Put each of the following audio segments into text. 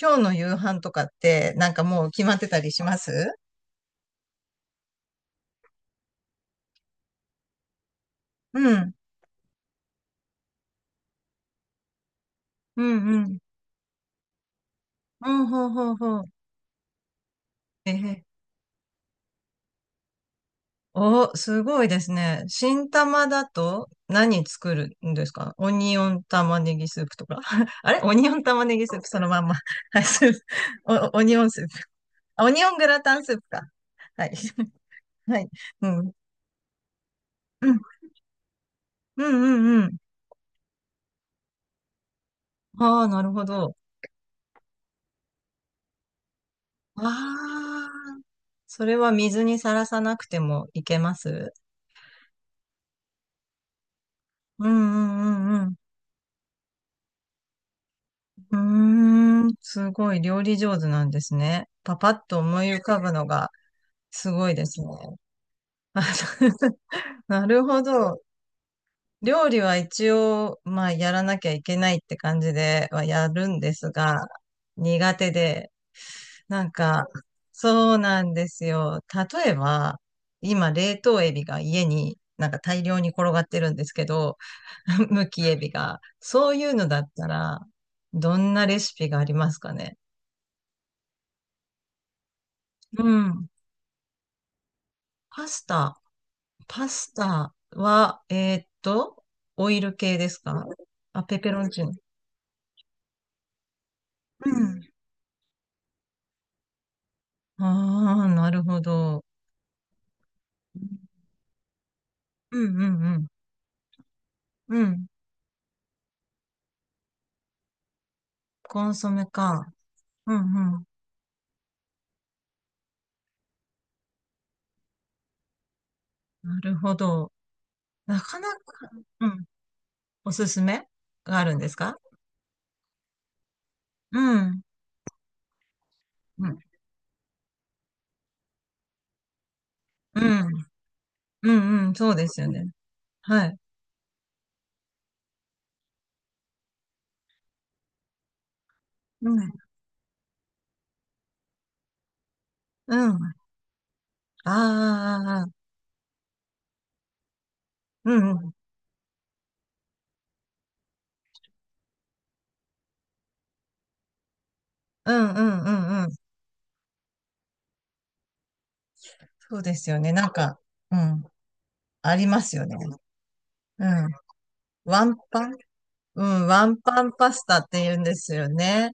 今日の夕飯とかって、なんかもう決まってたりします？うん。うんうん。うん、ほうほうほう。えへ。お、すごいですね。新玉だと何作るんですか？オニオン玉ねぎスープとか あれオニオン玉ねぎスープそのまんま。はい、スープ。お、オニオンスープ。あオニオングラタンスープか。はい。はい。うん。うん。うんうんうん。ああ、なるほど。ああ、それは水にさらさなくてもいけます？うんうんうんうん。うーん、すごい料理上手なんですね。パパッと思い浮かぶのがすごいですね。あの なるほど。料理は一応、まあ、やらなきゃいけないって感じではやるんですが、苦手で、なんか、そうなんですよ。例えば、今、冷凍エビが家になんか大量に転がってるんですけど、むきエビが。そういうのだったら、どんなレシピがありますかね。うん。パスタ。パスタは、オイル系ですか？あ、ペペロンチーノ。うん。ああ、なるほど。うんうんうん。うん。コンソメか。うんうん。なるほど。なかなか、うんおすすめがあるんですか？うん。うん。うん。うん。うん。そうですよね。はい。うん。うん。ああ、ああ、ああうん。うん。うん。うん。うんうんああうんうんうんうんうんうんそうですよね。なんか、うん。ありますよね。うん。ワンパンうん。ワンパンパスタって言うんですよね。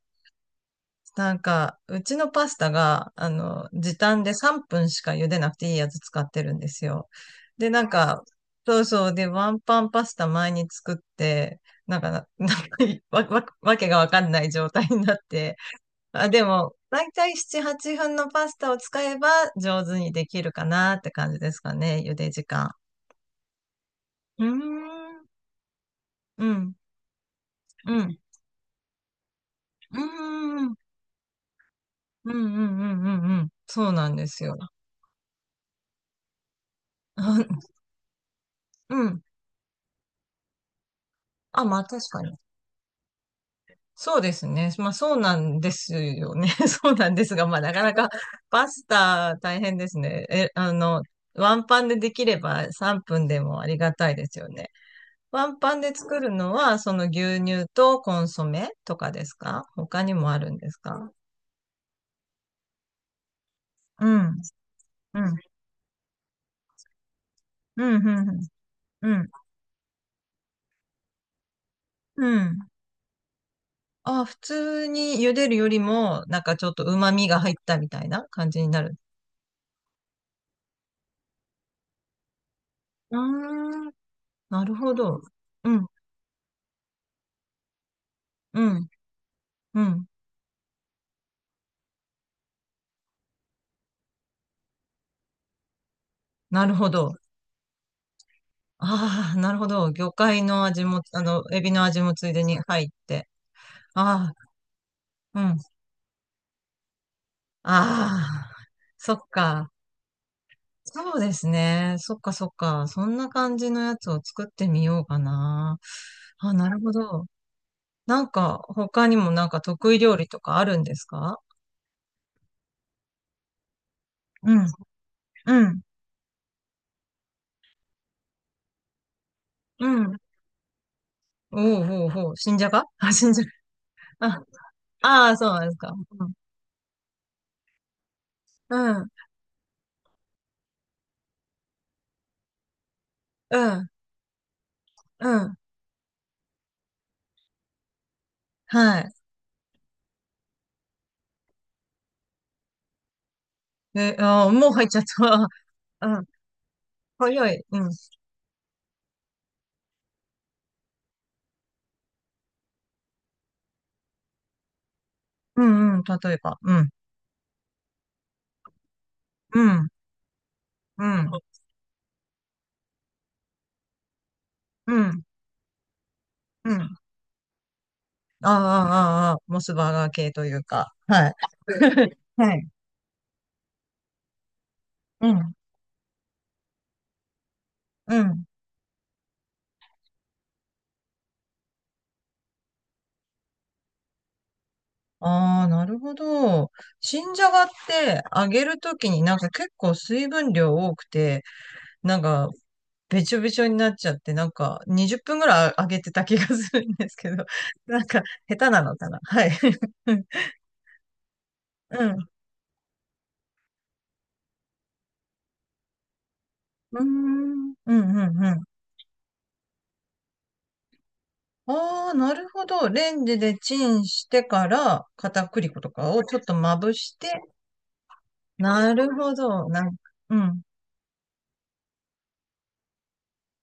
なんか、うちのパスタが、あの、時短で3分しか茹でなくていいやつ使ってるんですよ。で、なんか、そうそう、で、ワンパンパスタ前に作って、なんかな、なんかいわ、わ、わけがわかんない状態になって、あ、でも、だいたい7、8分のパスタを使えば上手にできるかなって感じですかね、茹で時間。うーん、うん、うん、うん、うん、うん、うん、うん、うん、そうなんですよ。うん。あ、まあ確かに。そうですね。まあそうなんですよね。そうなんですが、まあなかなかパスタ大変ですね。え、あの、ワンパンでできれば3分でもありがたいですよね。ワンパンで作るのは、その牛乳とコンソメとかですか？他にもあるんですか？うん、うん、うん、うん、うん、うん。あ、普通に茹でるよりも、なんかちょっと旨味が入ったみたいな感じになる。うーん、なるほど。うん、うん、うん。なるほど。ああ、なるほど。魚介の味も、あの、エビの味もついでに入って。ああ、うん。ああ、そっか。そうですね。そっかそっか。そんな感じのやつを作ってみようかな。あ、なるほど。なんか、他にもなんか得意料理とかあるんですか？うん、うん、うん。おうおうおう、新じゃが あ、新じゃが。あ、ああ、そうなんですか。うん、うん、うん、うん。はい。え、ああ、もう入っちゃった。うん。早い。うん。うんうん、例えば、うん、うん、うん、うん、うん。ああ、ああ、ああ、モスバーガー系というか、はい。はい。うん、うん。ああ、なるほど。新じゃがって揚げるときになんか結構水分量多くて、なんかべちょべちょになっちゃって、なんか20分ぐらい揚げてた気がするんですけど、なんか下手なのかな。はい。うん。うん。うん。うん、うん、うん。ああ、なるほど。レンジでチンしてから、片栗粉とかをちょっとまぶして、なるほど。うん、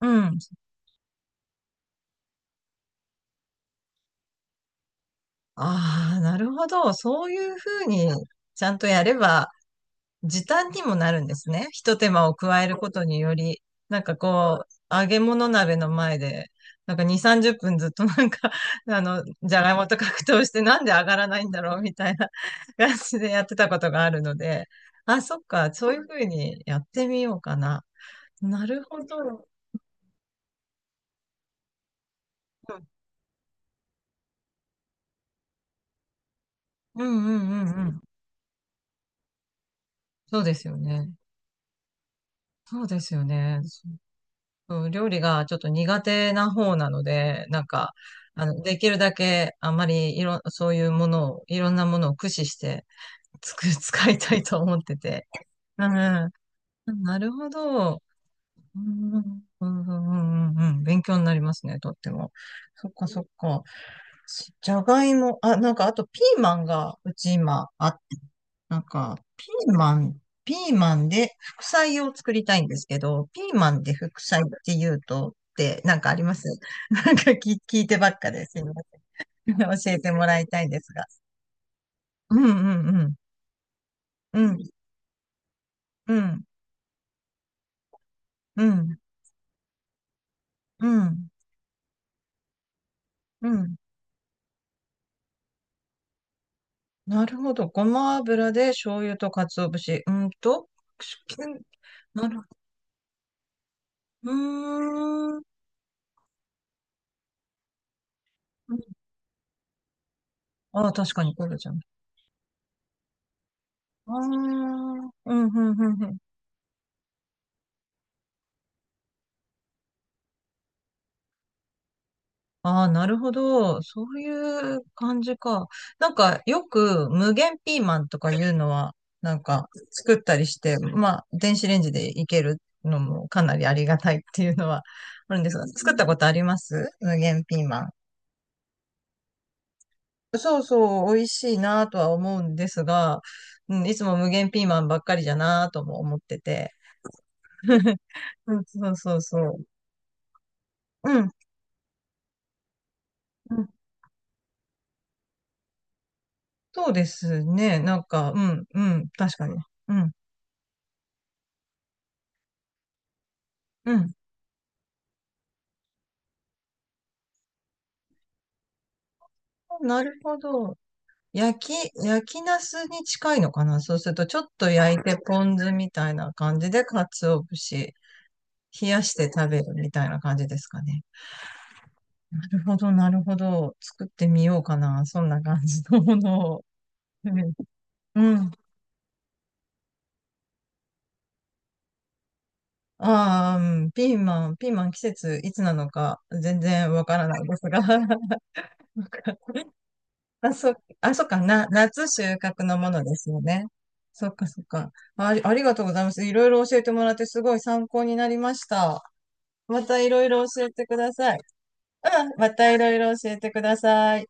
うん。ああ、なるほど。そういうふうに、ちゃんとやれば、時短にもなるんですね。一手間を加えることにより、なんかこう、揚げ物鍋の前で、なんか2、30分ずっと なんか、あの、じゃがいもと格闘してなんで上がらないんだろうみたいな 感じでやってたことがあるので、あ、そっか、そういうふうにやってみようかな。なるほど。うんうんうんうん。そうですよね。そうですよね。うん、料理がちょっと苦手な方なので、なんか、あの、できるだけあんまりそういうものを、いろんなものを駆使してつく 使いたいと思ってて。うん、なるほど。うん、うん、うん、うん、うんうん勉強になりますね、とっても。そっか、そっか。しじゃがいも、あ、なんか、あとピーマンが、うち今あって、なんか、ピーマンで副菜を作りたいんですけど、ピーマンで副菜って言うと、ってなんかあります？ なんか聞いてばっかですいません。教えてもらいたいんですが。うんうんうん。うんうんうんうんうんなるほど。ごま油で醤油と鰹節。うんと、くしゅなるほど。うーん。ああ、確かに、これじゃああ、うん、うん、うん、うん。ああ、なるほど。そういう感じか。なんか、よく無限ピーマンとかいうのは、なんか、作ったりして、まあ、電子レンジでいけるのもかなりありがたいっていうのはあるんですが、作ったことあります？無限ピーマン。そうそう、美味しいなとは思うんですが、うん、いつも無限ピーマンばっかりじゃなとも思ってて。うんそうそうそう。うん。そうですね。なんか、うん、うん、確かに。うん、うん。なるほど。焼きナスに近いのかな？そうすると、ちょっと焼いてポン酢みたいな感じで、鰹節、冷やして食べるみたいな感じですかね。なるほど、なるほど。作ってみようかな。そんな感じのものを。うん。うん。ああ、うんピーマン、ピーマン季節いつなのか全然わからないですが。なんかあ、そう、あ、そうかな、夏収穫のものですよね。そっかそっか。あ、ありがとうございます。いろいろ教えてもらってすごい参考になりました。またいろいろ教えてください。うん、またいろいろ教えてください。